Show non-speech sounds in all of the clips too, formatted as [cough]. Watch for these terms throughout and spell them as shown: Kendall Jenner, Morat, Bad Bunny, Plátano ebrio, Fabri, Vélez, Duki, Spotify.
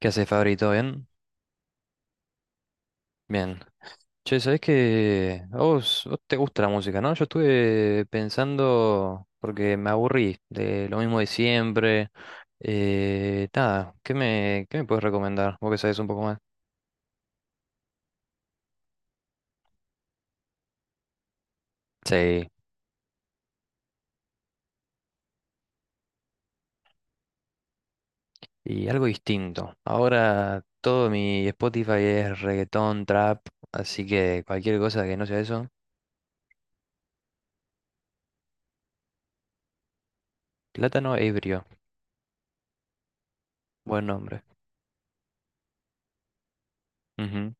¿Qué haces, Fabri? ¿Todo bien? Bien. Che, ¿sabés que a vos te gusta la música, no? Yo estuve pensando, porque me aburrí de lo mismo de siempre. Nada, ¿qué me puedes recomendar? Vos que sabés un poco más. Sí. Y algo distinto. Ahora todo mi Spotify es reggaetón, trap, así que cualquier cosa que no sea eso. Plátano ebrio, buen nombre. Ujú.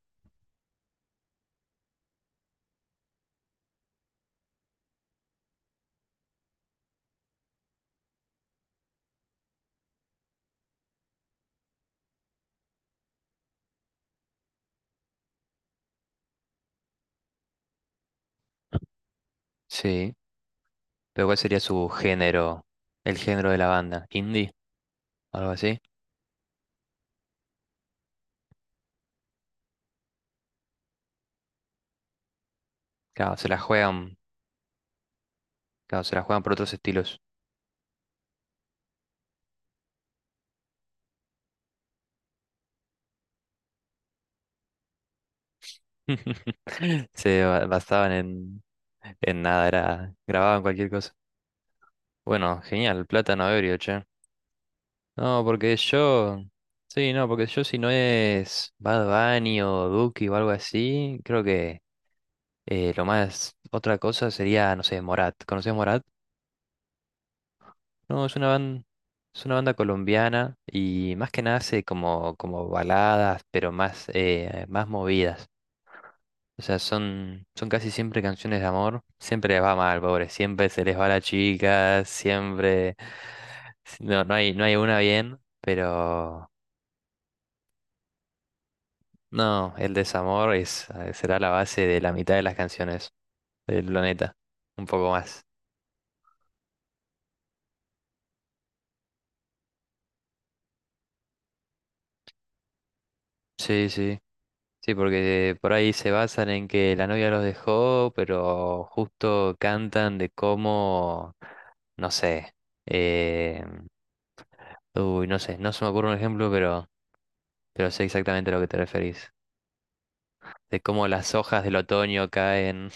Sí. Pero ¿cuál sería su género? El género de la banda, indie, algo así. Claro, se la juegan, claro, se la juegan por otros estilos. [laughs] Se basaban en nada, grababan cualquier cosa. Bueno, genial, plátano ebrio, che. No, sí, no, porque yo si no es Bad Bunny o Duki o algo así, creo que lo más, otra cosa sería, no sé, Morat. ¿Conoces Morat? No, es una banda colombiana y más que nada hace como baladas, pero más movidas. O sea, son casi siempre canciones de amor. Siempre les va mal, pobre. Siempre se les va la chica. Siempre. Si no, no hay una bien, pero. No, el desamor será la base de la mitad de las canciones del planeta. Un poco más. Sí, sí. Sí, porque por ahí se basan en que la novia los dejó, pero justo cantan de cómo. No sé. Eh, uy, no sé. No se me ocurre un ejemplo, pero sé exactamente a lo que te referís. De cómo las hojas del otoño caen.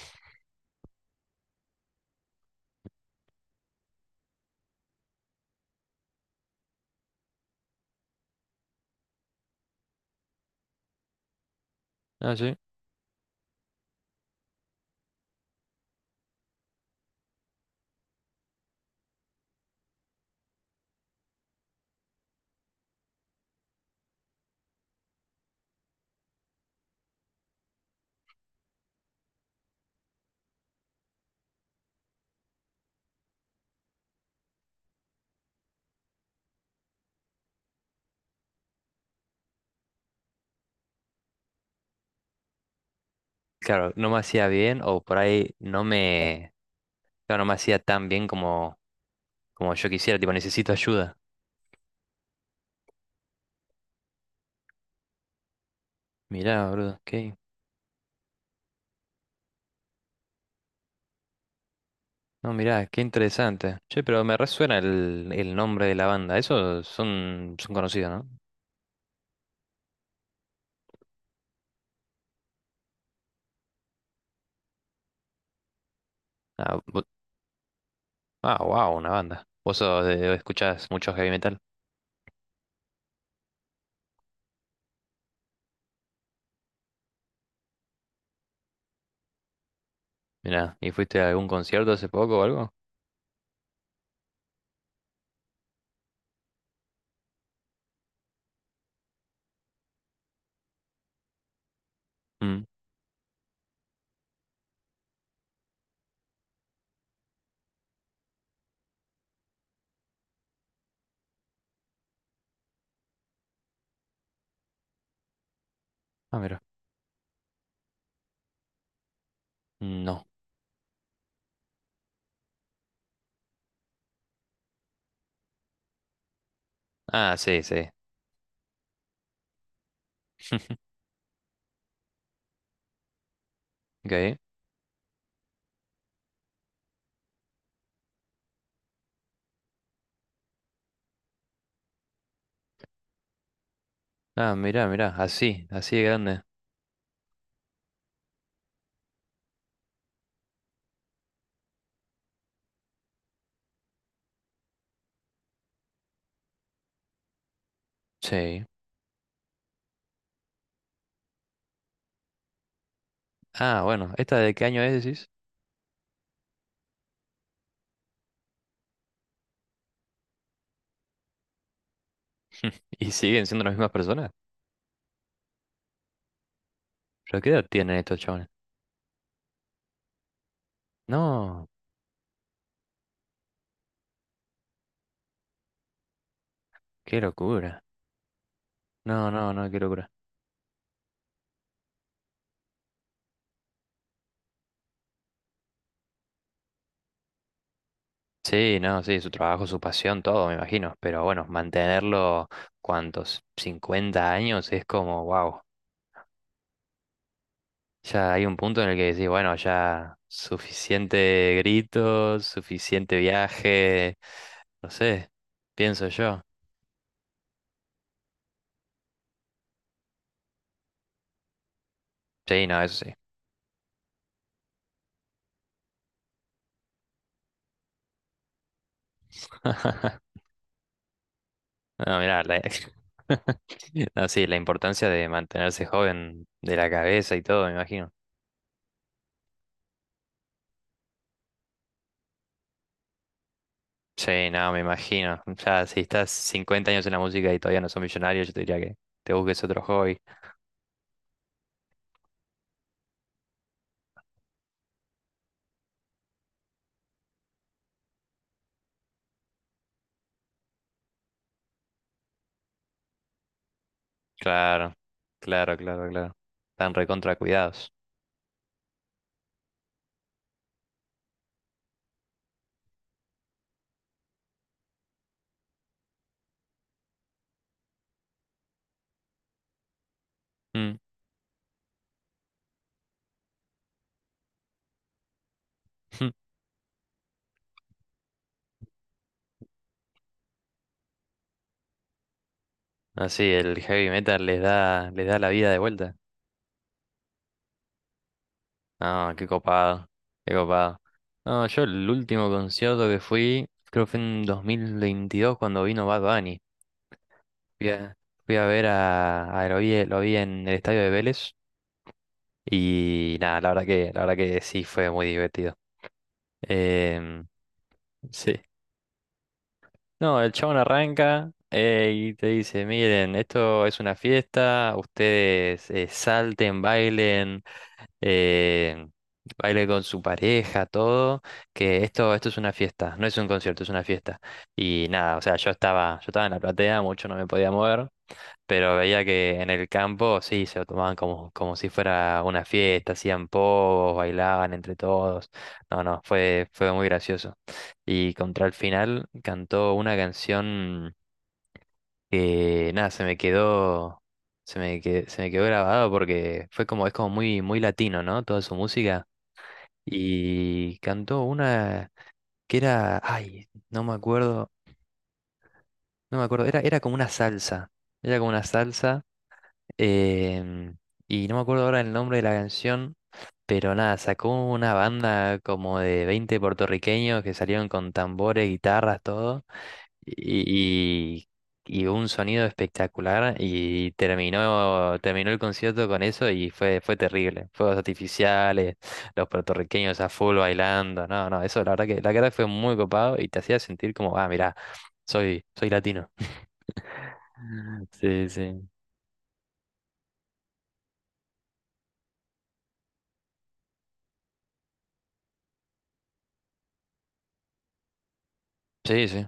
Ah, sí. Claro, no me hacía bien o por ahí no me hacía tan bien como yo quisiera, tipo, necesito ayuda. Mirá, boludo, no, mirá, qué interesante. Che, pero me resuena el nombre de la banda, esos son conocidos, ¿no? Ah, vo- ah, wow, una banda. ¿Vos escuchás mucho heavy metal? Mirá, ¿y fuiste a algún concierto hace poco o algo? Mm. Ah, mira, no. Ah, sí, sí. [laughs] Ok. Ah, mirá, mirá, así, así de grande. Sí. Ah, bueno, ¿esta de qué año es, decís? ¿Y siguen siendo las mismas personas? ¿Pero qué edad tienen estos chavales? No, qué locura. No, no, no, qué locura. Sí, no, sí, su trabajo, su pasión, todo, me imagino. Pero bueno, mantenerlo, ¿cuántos? 50 años es como, wow. Ya hay un punto en el que decís, bueno, ya suficiente gritos, suficiente viaje, no sé, pienso yo. Sí, no, eso sí. [laughs] No, mirá, [laughs] No, sí, la importancia de mantenerse joven de la cabeza y todo, me imagino. Sí, no, me imagino. Ya, si estás 50 años en la música y todavía no sos millonario, yo te diría que te busques otro hobby. Claro, claro, claro, claro. Están recontra cuidados. Mm. [laughs] Así, el heavy metal les da la vida de vuelta. No, qué copado, qué copado. No, yo el último concierto que fui, creo que fue en 2022 cuando vino Bad Bunny. Fui a, fui a ver a, lo vi en el estadio de Vélez y nada, la verdad que sí fue muy divertido. Em, sí. No, el chabón arranca y te dice, miren, esto es una fiesta, ustedes salten, bailen, eh, baile con su pareja, todo, que esto es una fiesta, no es un concierto, es una fiesta. Y nada, o sea, yo estaba en la platea, mucho no me podía mover, pero veía que en el campo sí, se lo tomaban como si fuera una fiesta, hacían pogos, bailaban entre todos. No, no, fue muy gracioso. Y contra el final cantó una canción que nada, se me quedó, se me que- se me quedó grabado porque es como muy, muy latino, ¿no? Toda su música. Y cantó una que era, ay, no me acuerdo, era como una salsa. Era como una salsa. Em, y no me acuerdo ahora el nombre de la canción, pero nada, sacó una banda como de 20 puertorriqueños que salieron con tambores, guitarras, todo, y, y un sonido espectacular, y terminó el concierto con eso y fue terrible. Fuegos artificiales, los puertorriqueños a full bailando, no, no, eso, la verdad fue muy copado y te hacía sentir como, ah, mirá, soy latino. [laughs] Sí, sí. Sí, sí.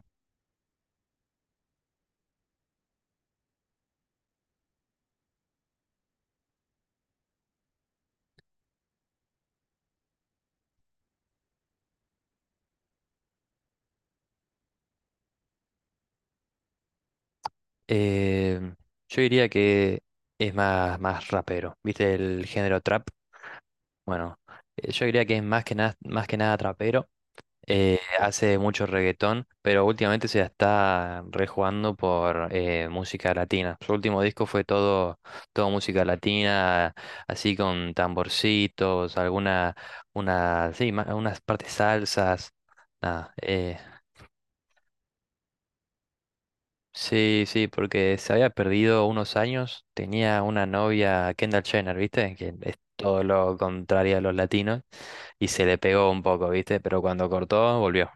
Eh, yo diría que es más rapero. ¿Viste el género trap? Bueno, yo diría que es más que nada trapero. Hace mucho reggaetón, pero últimamente se la está rejugando por música latina. Su último disco fue todo música latina, así con tamborcitos, alguna, una, sí, ma- unas partes salsas. Nada. Sí, sí, porque se había perdido unos años, tenía una novia, Kendall Jenner, ¿viste? Que es todo lo contrario a los latinos, y se le pegó un poco, ¿viste? Pero cuando cortó, volvió.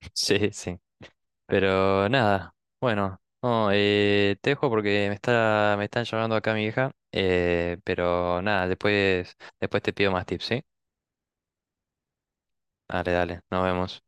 [laughs] Sí, sí. Pero nada, bueno, no, te dejo porque me están llamando acá mi hija, pero nada, después te pido más tips, ¿sí? Dale, dale, nos vemos.